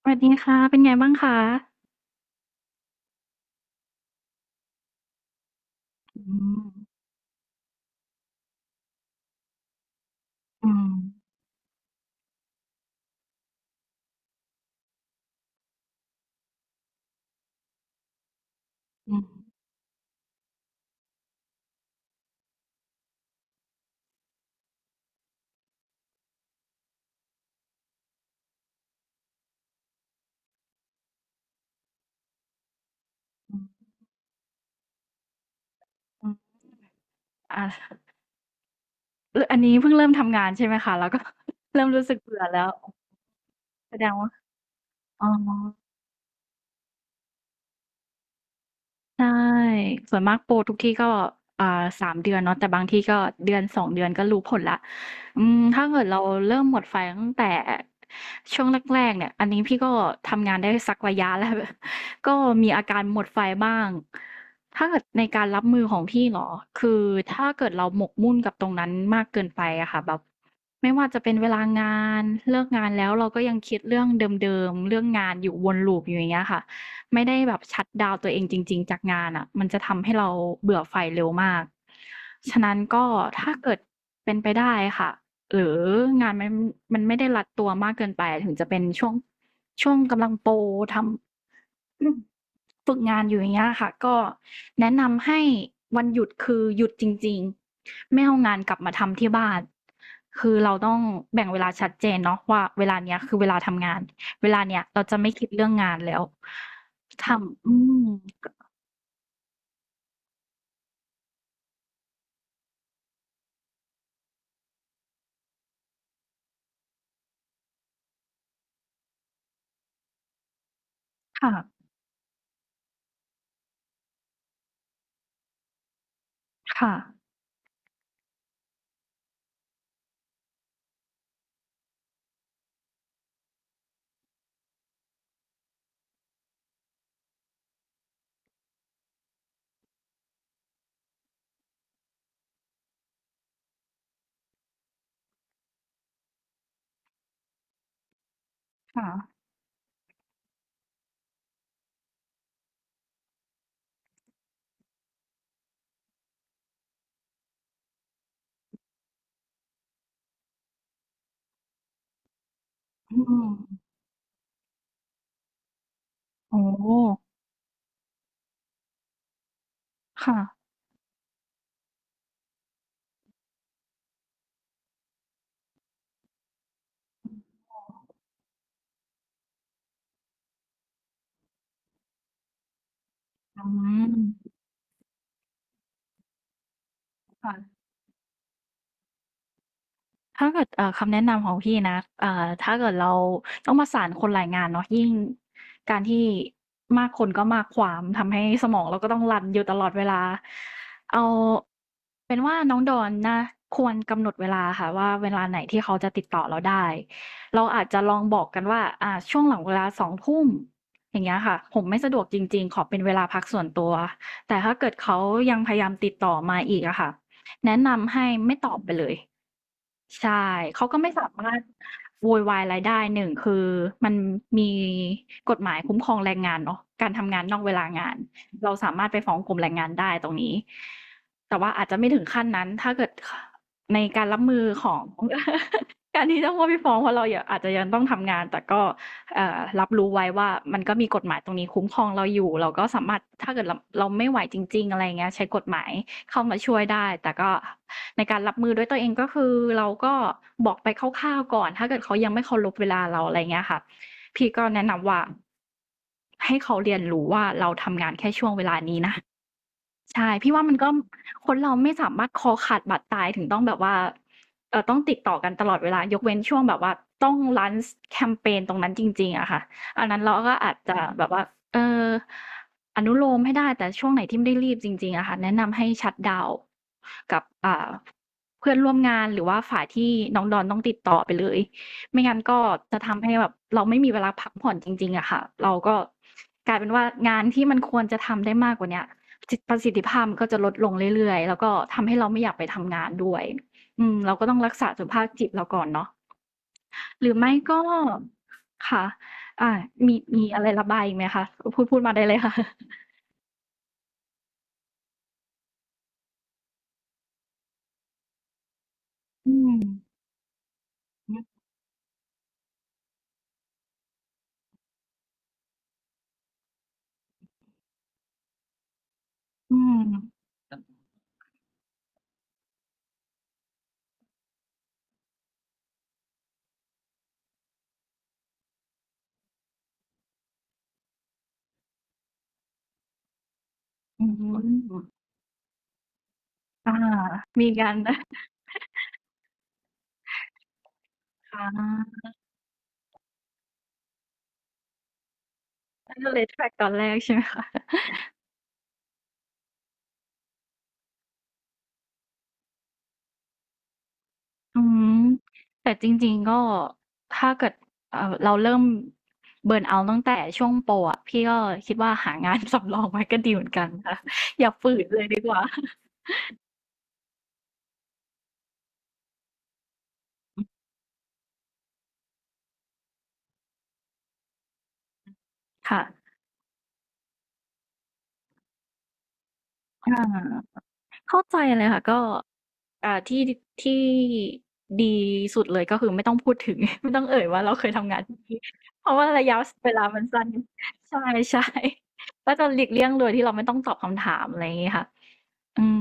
สวัสดีค่ะ เป็นไงบ้างคะอืมอืมอืมอืมอืมอาลอันนี้เพิ่งเริ่มทำงานใช่ไหมคะแล้วก็ เริ่มรู้สึกเบื่อแล้วแสดงว่าอ๋อ ใช่ส่วนมากโปรทุกที่ก็3เดือนเนาะแต่บางที่ก็เดือ2เดือนก็รู้ผลแล้วอืมถ้าเกิดเราเริ่มหมดไฟตั้งแต่ช่วงแรกๆเนี่ยอันนี้พี่ก็ทำงานได้สักระยะแล้ว ก็มีอาการหมดไฟบ้างถ้าเกิดในการรับมือของพี่เหรอคือถ้าเกิดเราหมกมุ่นกับตรงนั้นมากเกินไปอะค่ะแบบไม่ว่าจะเป็นเวลางานเลิกงานแล้วเราก็ยังคิดเรื่องเดิมๆเรื่องงานอยู่วนลูปอยู่อย่างเงี้ยค่ะ ไม่ได้แบบชัตดาวน์ตัวเองจริงๆจากงานอะมันจะทำให้เราเบื่อไฟเร็วมากฉะนั้นก็ถ้าเกิดเป็นไปได้ค่ะหรืองานมันมันไม่ได้รัดตัวมากเกินไปถึงจะเป็นช่วงกำลังโปรทำ อืมฝึกงานอยู่อย่างเงี้ยค่ะก็แนะนำให้วันหยุดคือหยุดจริงๆไม่เอางานกลับมาทำที่บ้านคือเราต้องแบ่งเวลาชัดเจนเนาะว่าเวลาเนี้ยคือเวลาทำงานเวลาเนี้ยเราจะไม่คิดเรื่องงานแล้วทำอืมค่ะค่ะค่ะอืมโอ้โฮค่ะอืมค่ะ ถ้าเกิดคำแนะนำของพี่นะถ้าเกิดเราต้องประสานคนหลายงานเนาะยิ่งการที่มากคนก็มากความทำให้สมองเราก็ต้องรันอยู่ตลอดเวลาเอาเป็นว่าน้องดอนนะควรกำหนดเวลาค่ะว่าเวลาไหนที่เขาจะติดต่อเราได้เราอาจจะลองบอกกันว่าช่วงหลังเวลาสองทุ่มอย่างเงี้ยค่ะผมไม่สะดวกจริงๆขอเป็นเวลาพักส่วนตัวแต่ถ้าเกิดเขายังพยายามติดต่อมาอีกอะค่ะแนะนำให้ไม่ตอบไปเลย ใช่เขาก็ไม่สามารถโวยวายอะไรได้หนึ่งคือมันมีกฎหมายคุ้มครองแรงงานเนาะการทำงานนอกเวลางานเราสามารถไปฟ้องกรมแรงงานได้ตรงนี้แต่ว่าอาจจะไม่ถึงขั้นนั้นถ้าเกิดในการรับมือของ การที่ต้องว่าไปฟ้องเพราะเรายังอาจจะยังต้องทำงานแต่ก็เอ่อรับรู้ไว้ว่ามันก็มีกฎหมายตรงนี้คุ้มครองเราอยู่เราก็สามารถถ้าเกิดเราไม่ไหวจริงๆอะไรอย่างเงี้ยใช้กฎหมาย เข้ามาช่วยได้ แต่ก็ในการรับมือด้วยตัวเองก็คือเราก็บอกไปคร่าวๆก่อน ถ้าเกิดเขายังไม่เคารพเวลาเราอะไรเงี้ยค่ะ พี่ก็แนะนำว่าให้เขาเรียนรู้ว่าเราทำงานแค่ช่วงเวลานี้นะ ใช่พี่ว่ามันก็คนเราไม่สามารถคอขาดบาดตายถึงต้องแบบว่าต้องติดต่อกันตลอดเวลายกเว้นช่วงแบบว่าต้อง launch แคมเปญตรงนั้นจริงๆอะค่ะอันนั้นเราก็อาจจะแบบว่าเอออนุโลมให้ได้แต่ช่วงไหนที่ไม่ได้รีบจริงๆอะค่ะแนะนำให้ชัตดาวน์กับเพื่อนร่วมงานหรือว่าฝ่ายที่น้องดอนต้องติดต่อไปเลยไม่งั้นก็จะทำให้แบบเราไม่มีเวลาพักผ่อนจริงๆอะค่ะเราก็กลายเป็นว่างานที่มันควรจะทำได้มากกว่าเนี้ย ประสิทธิภาพมันก็จะลดลงเรื่อยๆแล้วก็ทำให้เราไม่อยากไปทำงานด้วยอืมเราก็ต้องรักษาสุขภาพจิตเราก่อนเนาะหรือไม่ก็ค่ะอ่ามีอะไรระบายอีกไหมคะ พูดมาได้เลยค่ะ อืมอืมอืมอืมอามีการ นะะ ก็เลย t r a c ตอนแรกใช่ไหมคะ อืมแต่จริงๆก็ถ้าเกิดเราเริ่มเบิร์นเอาท์ตั้งแต่ช่วงโปรอะพี่ก็คิดว่าหางาน สำรองไว้ก็ดีเหมือนกันค่ะ อย่าฝืนเลยดีกว่า ค่ะอาเข้าใจเลยค่ะก็อ่าที่ที่ดีสุดเลยก็คือไม่ต้องพูดถึง ไม่ต้องเอ่ยว่าเราเคยทำงานที่นี่เพราะว่าระยะเวลามันสั้นใช่ๆ ก็จะหลีกเลี่ยงโดยที่เราไม่ต้องตอบคำถามอะไรอย่างงี้ค่ะ อืม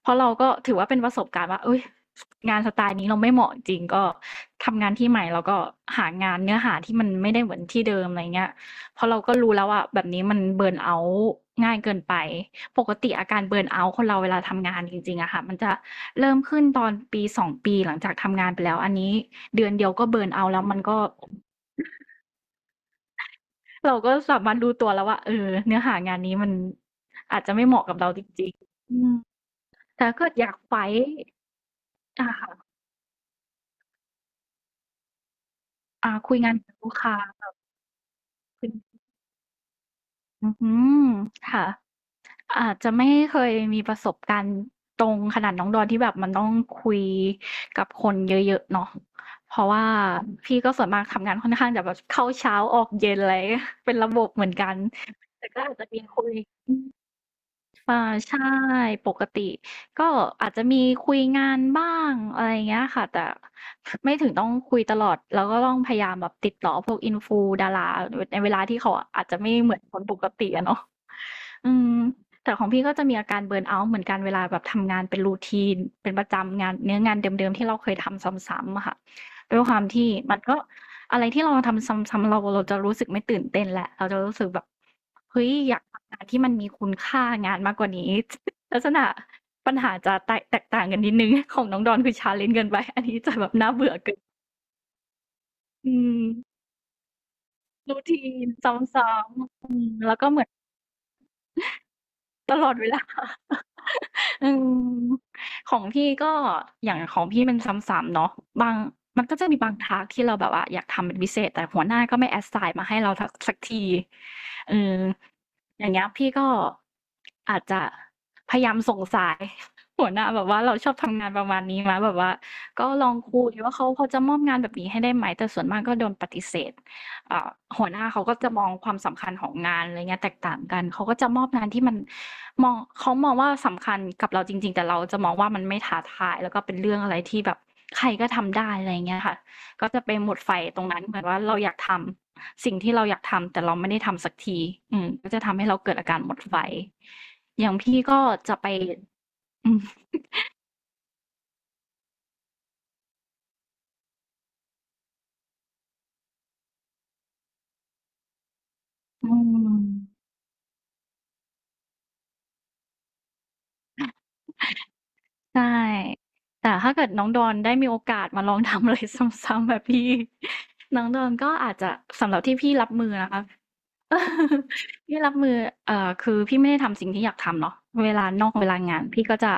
เพราะเราก็ถือว่าเป็นประสบการณ์ว่าเอ้ยงานสไตล์นี้เราไม่เหมาะจริงก็ทำงานที่ใหม่แล้วก็หางานเนื้อหาที่มันไม่ได้เหมือนที่เดิมอะไรเงี้ยเพราะเราก็รู้แล้วว่าแบบนี้มันเบิร์นเอาต์ง่ายเกินไปปกติอาการเบิร์นเอาต์คนเราเวลาทำงานจริงๆอะค่ะมันจะเริ่มขึ้นตอนปีสองปีหลังจากทำงานไปแล้วอันนี้เดือนเดียวก็เบิร์นเอาต์แล้วมันก็เราก็สามารถรู้ตัวแล้วว่าเออเนื้อหางานนี้มันอาจจะไม่เหมาะกับเราจริงๆอืมแต่ถ้าเกิดอยากไฟต์ อ่าค่ะคุยงานกับลูกค้ามากขึ้นอือฮืค่ะอาจจะไม่เคยมีประสบการณ์ตรงขนาดน้องดอนที่แบบมันต้องคุยกับคนเยอะๆเนาะเพราะว่าพี่ก็ส่วนมากทำงานค่อนข้างจะแบบเข้าเช้าออกเย็นอะไร เป็นระบบเหมือนกันแต่ก็อาจจะมีคุย อ่าใช่ปกติก็อาจจะมีคุยงานบ้างอะไรอย่างเงี้ยค่ะแต่ ไม่ถึงต้องคุยตลอดแล้วก็ต้องพยายามแบบติดต่อพวกอินฟูดาราในเวลาที่เขาอาจจะไม่เหมือนคนปกติอะเนาะ อืมแต่ของพี่ก็จะมีอาการเบิร์นเอาท์เหมือนกันเวลาแบบทำงานเป็นรูทีนเป็นประจำงานเนื้องานเดิมๆที่เราเคยทำซ้ำๆอะค่ะด้วยความที่มันก็ อะไรที่เราทำซ้ำๆเราจะรู้สึกไม่ตื่นเต้นแหละเราจะรู้สึกแบบเฮ้ยอยากทำงานที่มันมีคุณค่างานมากกว่านี้ ลักษณะปัญหาจะแตกต่างกันนิดนึง ของน้องดอนคือชาเล l e n เกินไป อันนี้จะแบบน่าเบื่อเกินอืมรูที o u t i ซ้ำๆแล้วก็เหมือนตลอดเวลา อืมของพี่ก็อย่างของพี่มันซ้ำๆเนาะบางมันก็จะมีบางทาสก์ที่เราแบบว่าอยากทำเป็นพิเศษแต่หัวหน้าก็ไม่แอ s s สายมาให้เราทักสักทีเอออย่างเงี้ยพี่ก็อาจจะพยายามส่งสาย หัวหน้าแบบว่าเราชอบทำงานประมาณนี้มาแบบว่าก็ลองคุยว่าเขาพอจะมอบงานแบบนี้ให้ได้ไหมแต่ส่วนมากก็โดนปฏิเสธ เอ่าหัวหน้าเขาก็จะมองความสำคัญของงานอะไรเงี้ยแตกต่างกันเขาก็จะมอบงานที่มันมองเขามองว่าสำคัญกับเราจริงๆ แต่เราจะมองว่ามันไม่ท้าทายแล้วก็เป็นเรื่องอะไรที่แบบใครก็ทำได้อะไรเงี้ยค่ะก็จะไปหมดไฟตรงนั้นเหมือนว่าเราอยากทำสิ่งที่เราอยากทำแต่เราไม่ได้ทำสักทีอืมก็จะทำให้เราเกิดอาการหมดไฟอย่างพี่ก็จะไปอืมอืม ใช่ แต่ถ้าเกิดน้องดอนได้มีโอกาสมาลองทำอะไร ซ้ำๆแบบพี่ น้องดอนก็อาจจะสำหรับที่พี่รับมือนะคะ พี่รับมือคือพี่ไม่ได้ทำสิ่งที่อยากทำเนาะเวลานอกเวลางานพี่ก็จะ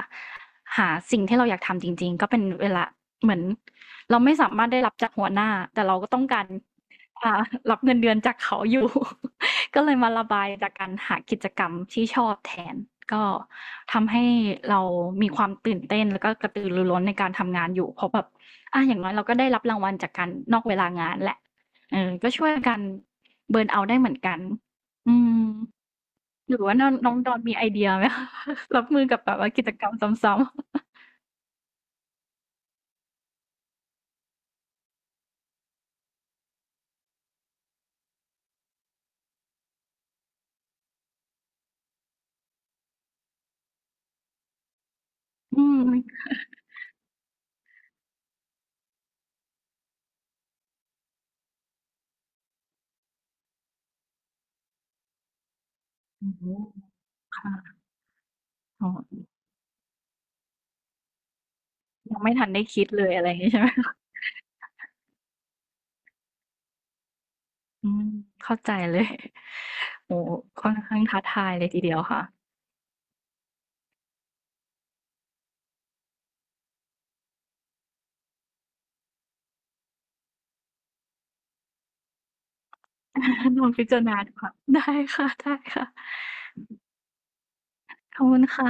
หาสิ่งที่เราอยากทำจริงๆก็เป็นเวลาเหมือนเราไม่สามารถได้รับจากหัวหน้าแต่เราก็ต้องการอ่ารับเงินเดือนจากเขาอยู่ ก็เลยมาระบายจากการหากิจกรรมที่ชอบแทนก็ทำให้เรามีความตื่นเต้นแล้วก็กระตือรือร้นในการทำงานอยู่เพราะแบบอ่ะอย่างน้อยเราก็ได้รับรางวัลจากการนอกเวลางานแหละเออก็ช่วยกัน เบิร์นเอาท์ได้เหมือนกันอืมหรือว่าน้องน้องดอนมีไอเดียไหมคะ รับมือกับแบบว่ากิจกรรมซ้ำๆ อืมโอโหค่ะอ๋อยังไม่ทันได้คิดเลยอะไรอย่างนี้ใช่ไหมคะอืมเข้าใจเลย โอ้ค่อนข้างท้าทายเลยทีเดียวค่ะ ลองพิจารณาดูค่ะ ได้ค่ะ ได้ค่ะ ขอบคุณค่ะ